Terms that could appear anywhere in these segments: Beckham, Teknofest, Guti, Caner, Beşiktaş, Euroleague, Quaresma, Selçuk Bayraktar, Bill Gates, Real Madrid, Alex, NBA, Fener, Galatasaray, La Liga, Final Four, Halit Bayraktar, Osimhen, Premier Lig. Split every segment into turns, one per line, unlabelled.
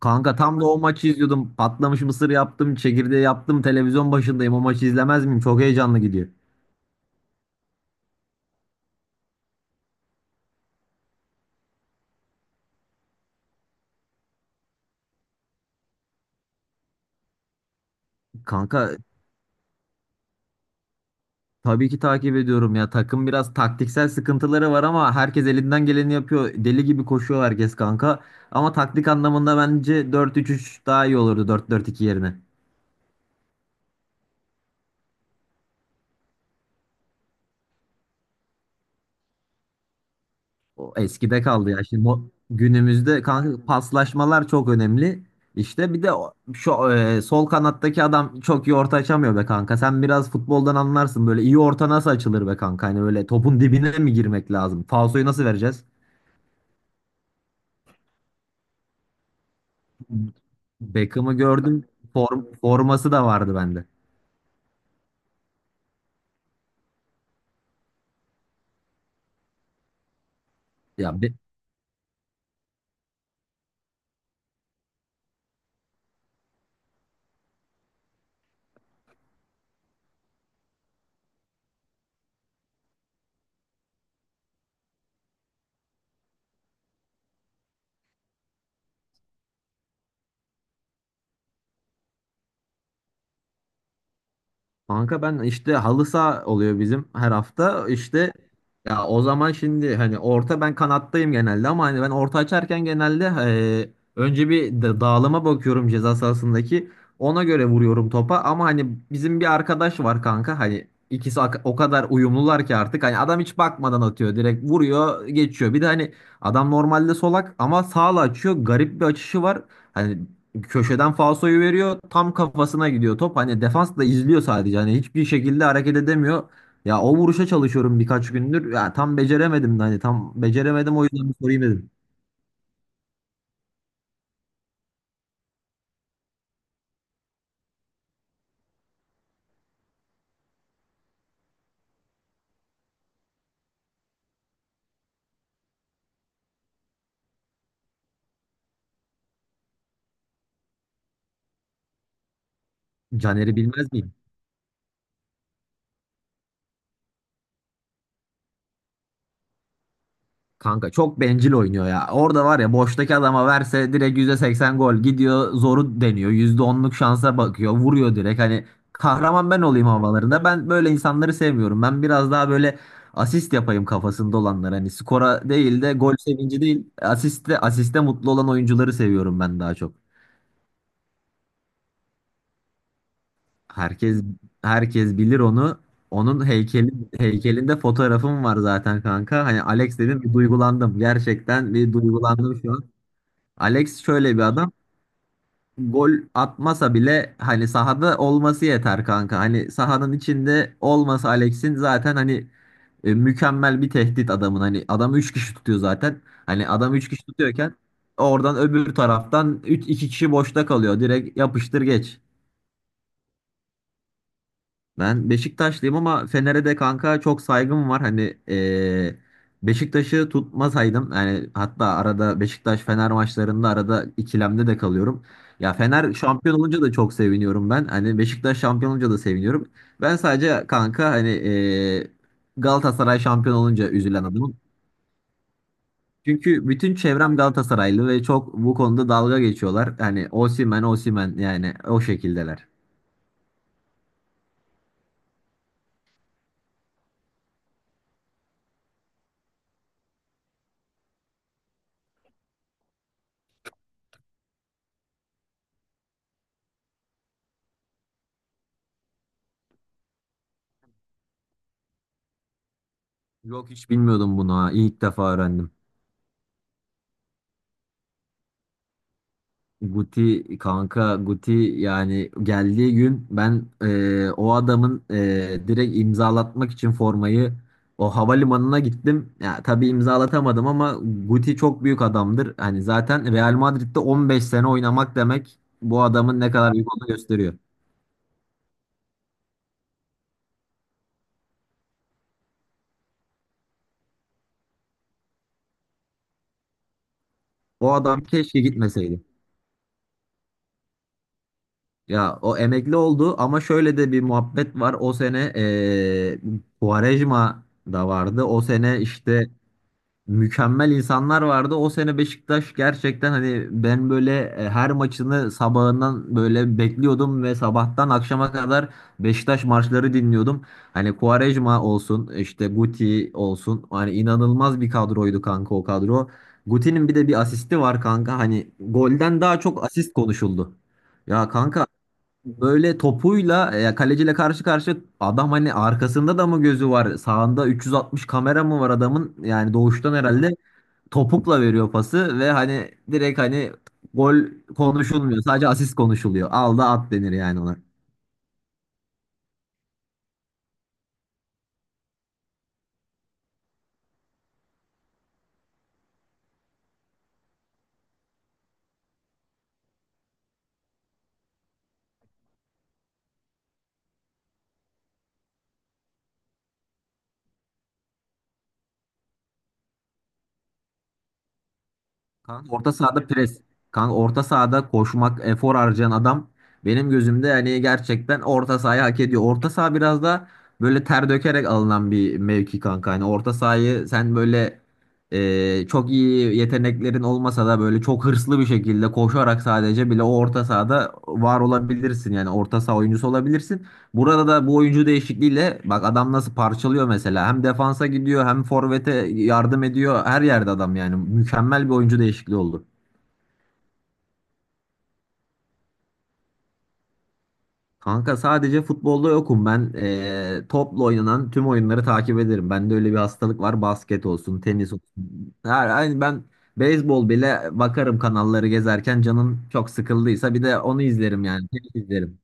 Kanka tam da o maçı izliyordum. Patlamış mısır yaptım, çekirdeği yaptım. Televizyon başındayım. O maçı izlemez miyim? Çok heyecanlı gidiyor. Kanka tabii ki takip ediyorum ya. Takım biraz taktiksel sıkıntıları var ama herkes elinden geleni yapıyor. Deli gibi koşuyor herkes kanka. Ama taktik anlamında bence 4-3-3 daha iyi olurdu 4-4-2 yerine. O eskide kaldı ya. Şimdi günümüzde kanka paslaşmalar çok önemli. İşte bir de şu sol kanattaki adam çok iyi orta açamıyor be kanka. Sen biraz futboldan anlarsın. Böyle iyi orta nasıl açılır be kanka? Hani böyle topun dibine mi girmek lazım? Falsoyu nasıl vereceğiz? Beckham'ı gördüm. Forması da vardı bende. Ya Be- Kanka ben işte halı saha oluyor bizim her hafta. İşte ya o zaman şimdi hani orta ben kanattayım genelde ama hani ben orta açarken genelde önce bir dağılıma bakıyorum ceza sahasındaki. Ona göre vuruyorum topa ama hani bizim bir arkadaş var kanka hani ikisi o kadar uyumlular ki artık hani adam hiç bakmadan atıyor direkt vuruyor geçiyor. Bir de hani adam normalde solak ama sağla açıyor garip bir açışı var. Hani köşeden falsoyu veriyor. Tam kafasına gidiyor top. Hani defans da izliyor sadece. Hani hiçbir şekilde hareket edemiyor. Ya o vuruşa çalışıyorum birkaç gündür. Ya tam beceremedim de hani tam beceremedim o yüzden bir sorayım dedim. Caner'i bilmez miyim? Kanka çok bencil oynuyor ya. Orada var ya boştaki adama verse direkt %80 gol gidiyor, zoru deniyor. %10'luk şansa bakıyor vuruyor direkt. Hani kahraman ben olayım havalarında. Ben böyle insanları sevmiyorum. Ben biraz daha böyle asist yapayım kafasında olanlar. Hani skora değil de gol sevinci değil, asiste mutlu olan oyuncuları seviyorum ben daha çok. Herkes herkes bilir onu. Onun heykelinde fotoğrafım var zaten kanka. Hani Alex dedim bir duygulandım. Gerçekten bir duygulandım şu. Alex şöyle bir adam. Gol atmasa bile hani sahada olması yeter kanka. Hani sahanın içinde olmasa Alex'in zaten hani mükemmel bir tehdit adamın. Hani adam 3 kişi tutuyor zaten. Hani adam 3 kişi tutuyorken oradan öbür taraftan 3 2 kişi boşta kalıyor. Direkt yapıştır geç. Ben Beşiktaşlıyım ama Fener'e de kanka çok saygım var. Hani Beşiktaş'ı tutmasaydım yani, hatta arada Beşiktaş Fener maçlarında arada ikilemde de kalıyorum. Ya Fener şampiyon olunca da çok seviniyorum ben. Hani Beşiktaş şampiyon olunca da seviniyorum. Ben sadece kanka hani Galatasaray şampiyon olunca üzülen adamım. Çünkü bütün çevrem Galatasaraylı ve çok bu konuda dalga geçiyorlar. Hani Osimhen Osimhen yani, o şekildeler. Yok, hiç bilmiyordum bunu ha. İlk defa öğrendim. Guti kanka, Guti yani geldiği gün ben o adamın direkt imzalatmak için formayı o havalimanına gittim. Ya tabii imzalatamadım ama Guti çok büyük adamdır. Hani zaten Real Madrid'de 15 sene oynamak demek bu adamın ne kadar büyük olduğunu gösteriyor. O adam keşke gitmeseydi. Ya o emekli oldu ama şöyle de bir muhabbet var. O sene Quaresma da vardı. O sene işte mükemmel insanlar vardı. O sene Beşiktaş gerçekten, hani, ben böyle her maçını sabahından böyle bekliyordum ve sabahtan akşama kadar Beşiktaş maçları dinliyordum. Hani Quaresma olsun, işte Guti olsun. Hani inanılmaz bir kadroydu kanka, o kadro. Guti'nin bir de bir asisti var kanka. Hani golden daha çok asist konuşuldu. Ya kanka, böyle topuyla kaleciyle karşı karşı adam, hani arkasında da mı gözü var? Sağında 360 kamera mı var adamın? Yani doğuştan herhalde topukla veriyor pası ve hani direkt, hani gol konuşulmuyor. Sadece asist konuşuluyor. Al da at denir yani ona. Kanka orta sahada pres. Kanka orta sahada koşmak, efor harcayan adam benim gözümde yani gerçekten orta sahayı hak ediyor. Orta saha biraz da böyle ter dökerek alınan bir mevki kanka. Yani orta sahayı sen böyle çok iyi yeteneklerin olmasa da böyle çok hırslı bir şekilde koşarak sadece bile o orta sahada var olabilirsin. Yani orta saha oyuncusu olabilirsin. Burada da bu oyuncu değişikliğiyle bak adam nasıl parçalıyor mesela. Hem defansa gidiyor hem forvete yardım ediyor. Her yerde adam yani. Mükemmel bir oyuncu değişikliği oldu. Kanka sadece futbolda yokum ben. Topla oynanan tüm oyunları takip ederim. Bende öyle bir hastalık var. Basket olsun, tenis olsun. Her, aynı ben beyzbol bile bakarım, kanalları gezerken canım çok sıkıldıysa bir de onu izlerim yani. Tenis izlerim.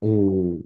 Oo.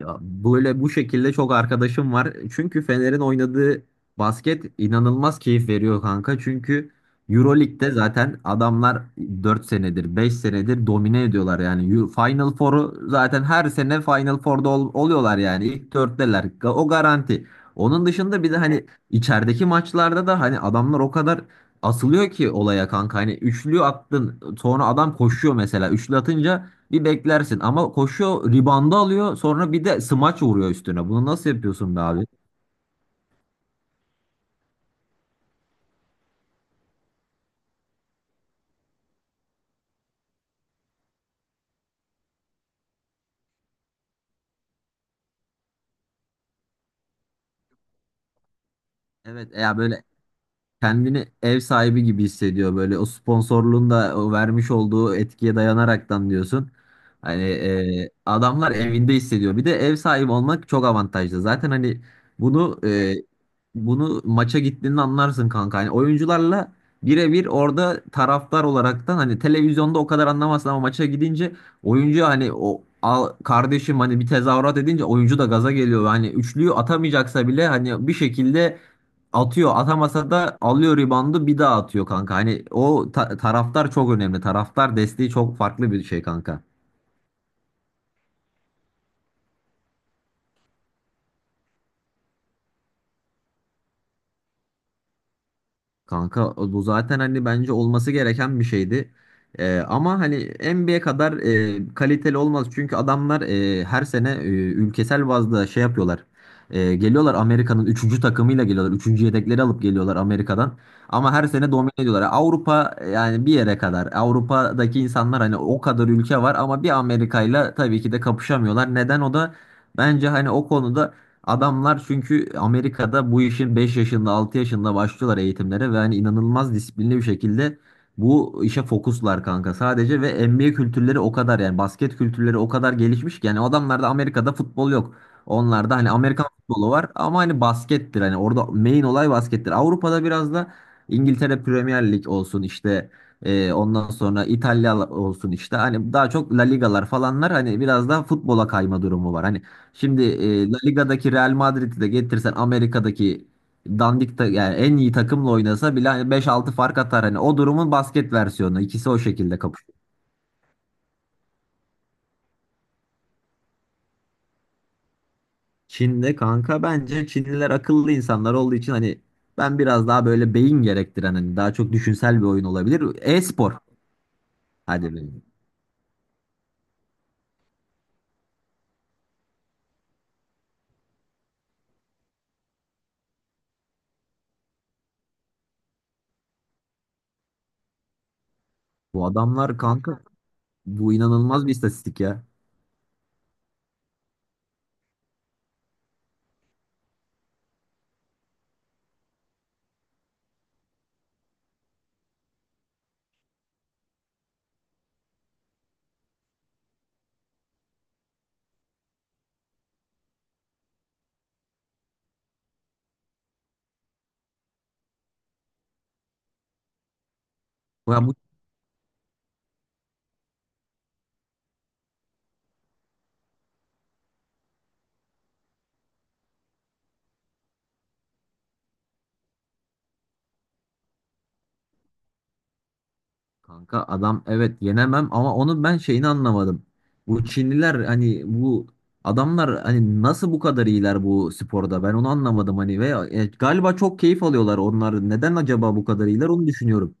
Ya böyle bu şekilde çok arkadaşım var. Çünkü Fener'in oynadığı basket inanılmaz keyif veriyor kanka. Çünkü Euroleague'de zaten adamlar 4 senedir, 5 senedir domine ediyorlar yani. Final Four'u zaten her sene Final Four'da oluyorlar yani. İlk 4'teler. O garanti. Onun dışında bir de hani içerideki maçlarda da hani adamlar o kadar asılıyor ki olaya kanka. Hani üçlü attın, sonra adam koşuyor mesela. Üçlü atınca bir beklersin ama koşuyor, ribanda alıyor, sonra bir de smaç vuruyor üstüne. Bunu nasıl yapıyorsun be abi? Evet ya böyle kendini ev sahibi gibi hissediyor, böyle o sponsorluğun da o vermiş olduğu etkiye dayanaraktan diyorsun. Hani adamlar evinde hissediyor. Bir de ev sahibi olmak çok avantajlı. Zaten hani bunu e, bunu maça gittiğinde anlarsın kanka. Hani oyuncularla birebir orada taraftar olaraktan, hani televizyonda o kadar anlamazsın ama maça gidince oyuncu hani o, al kardeşim, hani bir tezahürat edince oyuncu da gaza geliyor. Hani üçlüyü atamayacaksa bile hani bir şekilde atıyor, atamasa da alıyor ribandı, bir daha atıyor kanka. Hani o taraftar çok önemli. Taraftar desteği çok farklı bir şey kanka. Kanka bu zaten hani bence olması gereken bir şeydi. Ama hani NBA kadar kaliteli olmaz. Çünkü adamlar her sene ülkesel bazda şey yapıyorlar. Geliyorlar Amerika'nın üçüncü takımıyla geliyorlar. Üçüncü yedekleri alıp geliyorlar Amerika'dan. Ama her sene domine ediyorlar. Avrupa yani bir yere kadar. Avrupa'daki insanlar hani o kadar ülke var ama bir Amerika'yla tabii ki de kapışamıyorlar. Neden o da bence hani o konuda. Adamlar çünkü Amerika'da bu işin 5 yaşında 6 yaşında başlıyorlar eğitimlere ve hani inanılmaz disiplinli bir şekilde bu işe fokuslar kanka sadece, ve NBA kültürleri o kadar, yani basket kültürleri o kadar gelişmiş ki yani. O adamlarda, Amerika'da futbol yok. Onlarda hani Amerikan futbolu var ama hani baskettir, hani orada main olay baskettir. Avrupa'da biraz da İngiltere Premier Lig olsun işte ondan sonra İtalya olsun işte, hani daha çok La Ligalar falanlar hani biraz daha futbola kayma durumu var. Hani şimdi La Liga'daki Real Madrid'i de getirsen Amerika'daki dandik yani en iyi takımla oynasa bile hani 5-6 fark atar. Hani o durumun basket versiyonu. İkisi o şekilde kapışıyor. Çin'de kanka bence Çinliler akıllı insanlar olduğu için hani ben biraz daha böyle beyin gerektiren, hani daha çok düşünsel bir oyun olabilir. E-spor. Hadi be. Bu adamlar kanka, bu inanılmaz bir istatistik ya. Ya bu kanka adam, evet yenemem ama onun ben şeyini anlamadım. Bu Çinliler, hani bu adamlar hani nasıl bu kadar iyiler bu sporda, ben onu anlamadım hani ve galiba çok keyif alıyorlar onlar. Neden acaba bu kadar iyiler onu düşünüyorum.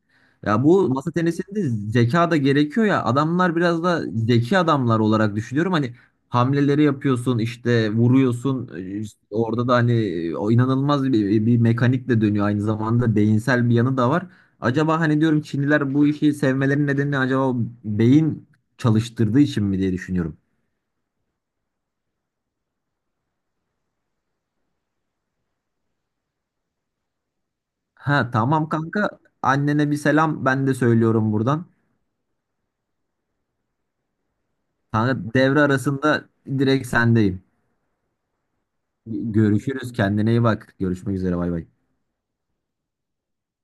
Ya bu masa tenisinde zeka da gerekiyor ya, adamlar biraz da zeki adamlar olarak düşünüyorum. Hani hamleleri yapıyorsun işte, vuruyorsun e, orada da hani, o inanılmaz bir mekanik de dönüyor aynı zamanda, beyinsel bir yanı da var. Acaba hani diyorum, Çinliler bu işi sevmelerinin nedeni acaba beyin çalıştırdığı için mi diye düşünüyorum. Ha tamam kanka, annene bir selam ben de söylüyorum buradan. Kanka devre arasında direkt sendeyim. Görüşürüz, kendine iyi bak. Görüşmek üzere, bay bay.